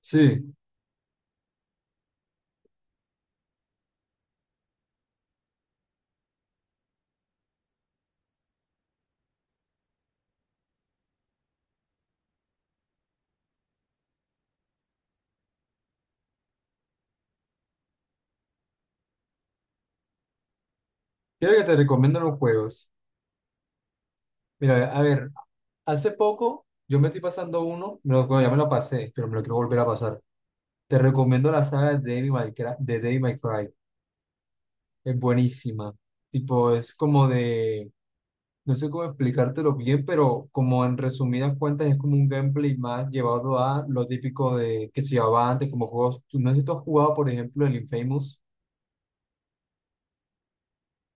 Sí, quiero que te recomiendo los juegos. Mira, a ver, hace poco yo me estoy pasando uno, bueno, ya me lo pasé, pero me lo quiero volver a pasar. Te recomiendo la saga de Devil May Cry. Es buenísima. Tipo, es como de, no sé cómo explicártelo bien, pero como en resumidas cuentas es como un gameplay más llevado a lo típico de que se llevaba antes, como juegos. No sé si tú has jugado, por ejemplo, el Infamous.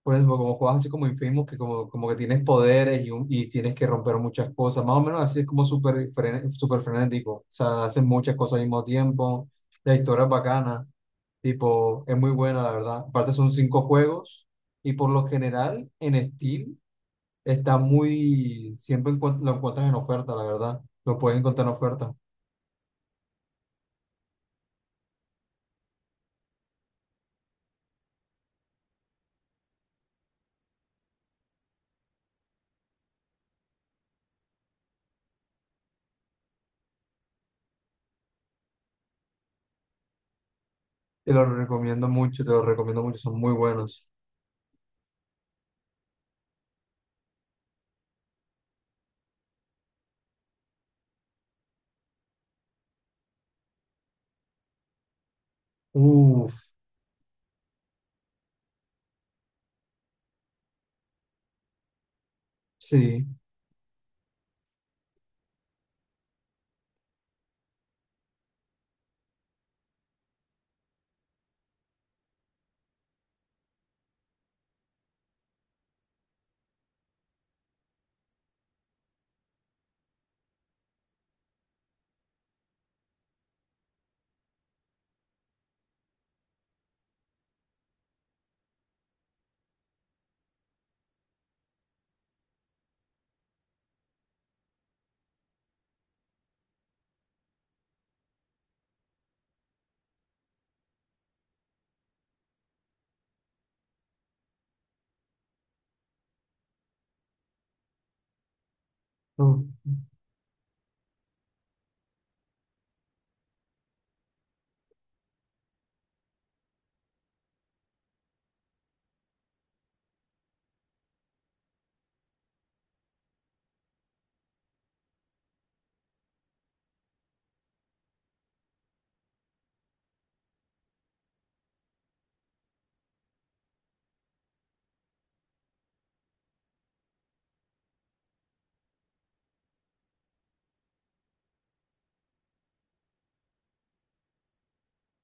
Por ejemplo como juegas así como Infamous, que como que tienes poderes y tienes que romper muchas cosas, más o menos así es como súper frenético, o sea, hacen muchas cosas al mismo tiempo, la historia es bacana, tipo, es muy buena, la verdad. Aparte son cinco juegos y por lo general en Steam está muy, siempre lo encuentras en oferta, la verdad, lo puedes encontrar en oferta. Te lo recomiendo mucho, te lo recomiendo mucho, son muy buenos. Uf, sí. Uf.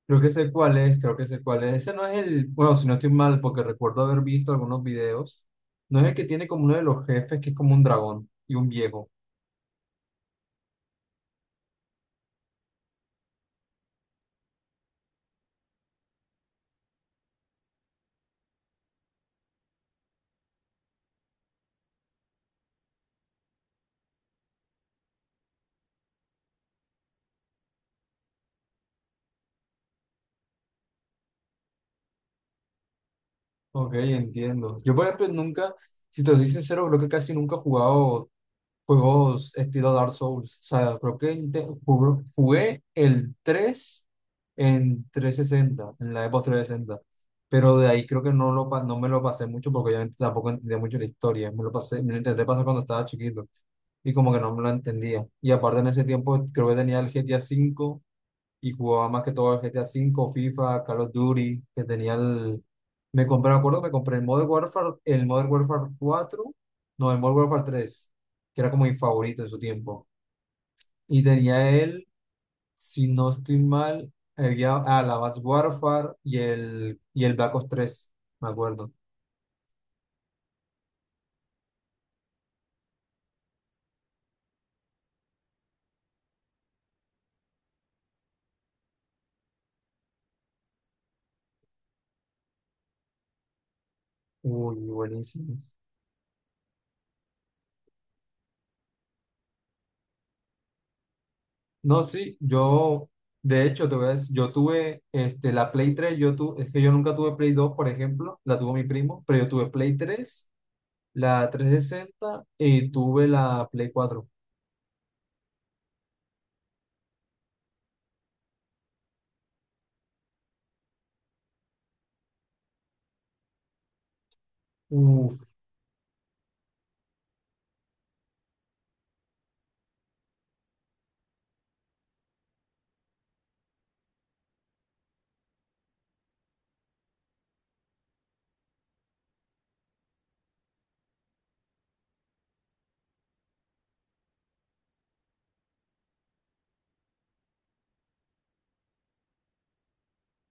Creo que sé cuál es, creo que sé cuál es. Ese no es el, bueno, si no estoy mal, porque recuerdo haber visto algunos videos. No es el que tiene como uno de los jefes, que es como un dragón y un viejo. Ok, entiendo. Yo, por ejemplo, nunca, si te soy sincero, creo que casi nunca he jugado juegos estilo Dark Souls. O sea, creo que jugué el 3 en 360 en la Xbox 360. Pero de ahí creo que no, no me lo pasé mucho porque obviamente tampoco entendía mucho la historia. Me lo pasé, me lo intenté pasar cuando estaba chiquito y como que no me lo entendía. Y aparte en ese tiempo creo que tenía el GTA V y jugaba más que todo el GTA cinco, FIFA, Call of Duty, que tenía el... Me compré, me acuerdo, me compré el Modern Warfare cuatro no, el Modern Warfare tres, que era como mi favorito en su tiempo. Y tenía él, si no estoy mal, había, la Advanced Warfare y el Black Ops tres, me acuerdo. Uy, buenísimos. No, sí, yo, de hecho, te voy a decir, yo tuve la Play tres, es que yo nunca tuve Play dos, por ejemplo, la tuvo mi primo, pero yo tuve Play tres, la 360 y tuve la Play 4. Uf,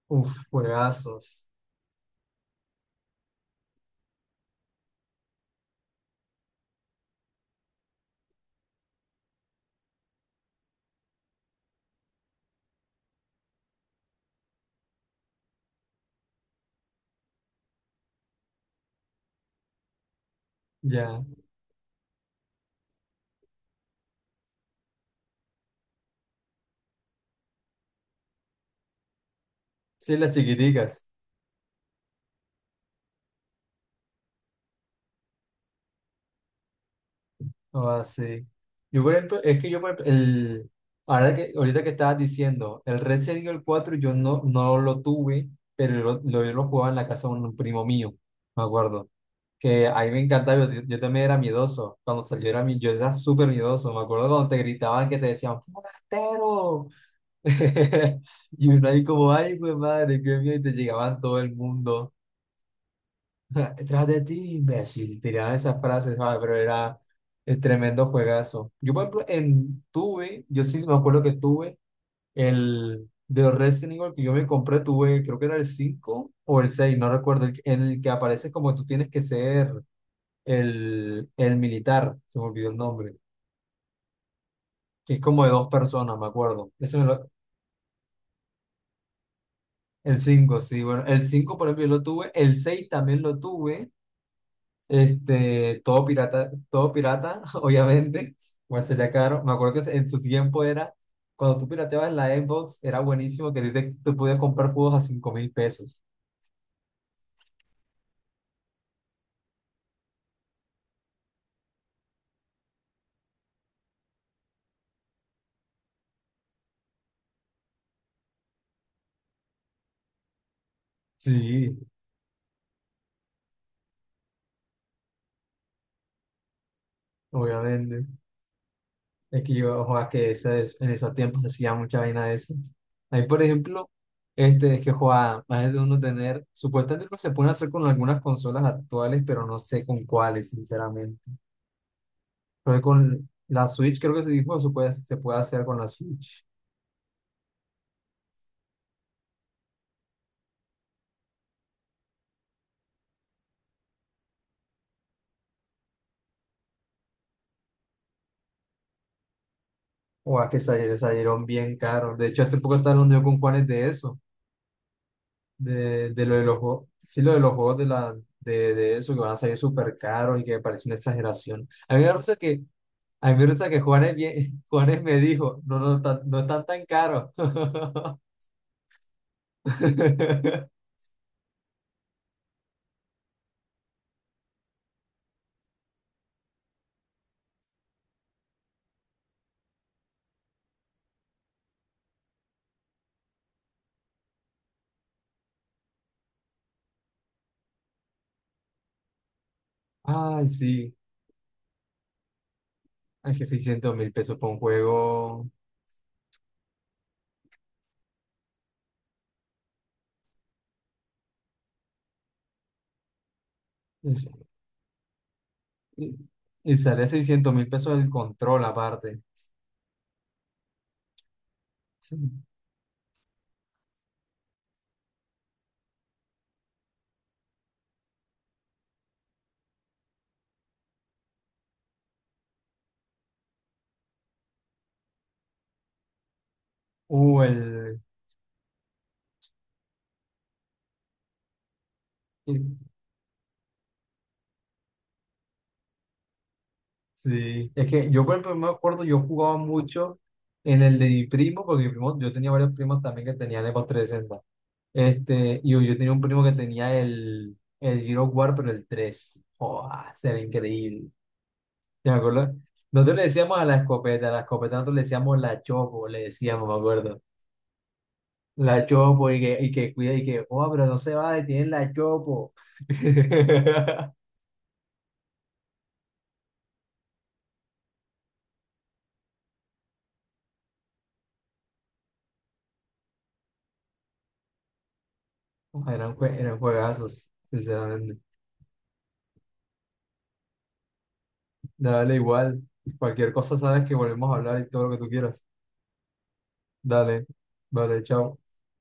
uf, juegazos. Ya. Sí, las chiquiticas. Oh, Ah, sí. Yo, por ejemplo, es que yo, por ejemplo, el, ahora que, ahorita que estabas diciendo, el Resident Evil cuatro yo no, no lo tuve, pero yo lo jugaba en la casa de un primo mío, me acuerdo. Que a mí me encantaba, yo también era miedoso. Cuando salió era yo era súper miedoso. Me acuerdo cuando te gritaban que te decían, ¡Forastero! Y uno ahí como, ay, pues madre, qué miedo, y te llegaban todo el mundo. Tras de ti, imbécil, tiraban esas frases, ¿sabes? Pero era el tremendo juegazo. Yo, por ejemplo, yo sí me acuerdo que tuve el de Resident Evil que yo me compré, tuve, creo que era el 5 o el seis, no recuerdo, el en el que aparece como tú tienes que ser el militar, se me olvidó el nombre, que es como de dos personas, me acuerdo. Ese, me lo, el 5 sí, bueno, el 5 por ejemplo yo lo tuve, el 6 también lo tuve, todo pirata, obviamente, pues sería caro, me acuerdo que en su tiempo era, cuando tú pirateabas en la Xbox, era buenísimo que a ti tú podías comprar juegos a 5.000 pesos, sí, obviamente, es que yo, ojo, que ese en esos tiempos se hacía mucha vaina de esas, ahí por ejemplo, es que, joa, más de uno tener, supuestamente lo que se pueden hacer con algunas consolas actuales, pero no sé con cuáles, sinceramente. Pero con la Switch creo que se dijo se puede, hacer con la Switch. O a que salieron bien caros. De hecho, hace poco estaba hablando yo con Juanes de eso. De lo de los juegos. Sí, lo de los juegos de eso, que van a salir súper caros y que me parece una exageración. A mí me parece que, a mí me parece que Juanes, bien, Juanes me dijo, no, no, no están tan caros. Ay, sí. Es que 600.000 pesos por un juego. es- Y, y sale 600.000 pesos el control aparte. Sí. Uh, el, eh, sí. Es que yo, por ejemplo, me acuerdo, yo jugaba mucho en el de mi primo, porque mi primo, yo tenía varios primos también que tenían Xbox 360. Y yo tenía un primo que tenía el Gears of War, pero el 3, ¡Joda! Se ve increíble. Yo me acuerdo. Nosotros le decíamos a la escopeta nosotros le decíamos la chopo, le decíamos, me acuerdo. La chopo y que, cuida y que, oh, pero no se va, tiene la chopo. Ah, Eran juegazos, sinceramente. Dale igual. Cualquier cosa sabes que volvemos a hablar y todo lo que tú quieras. Dale, vale, chao.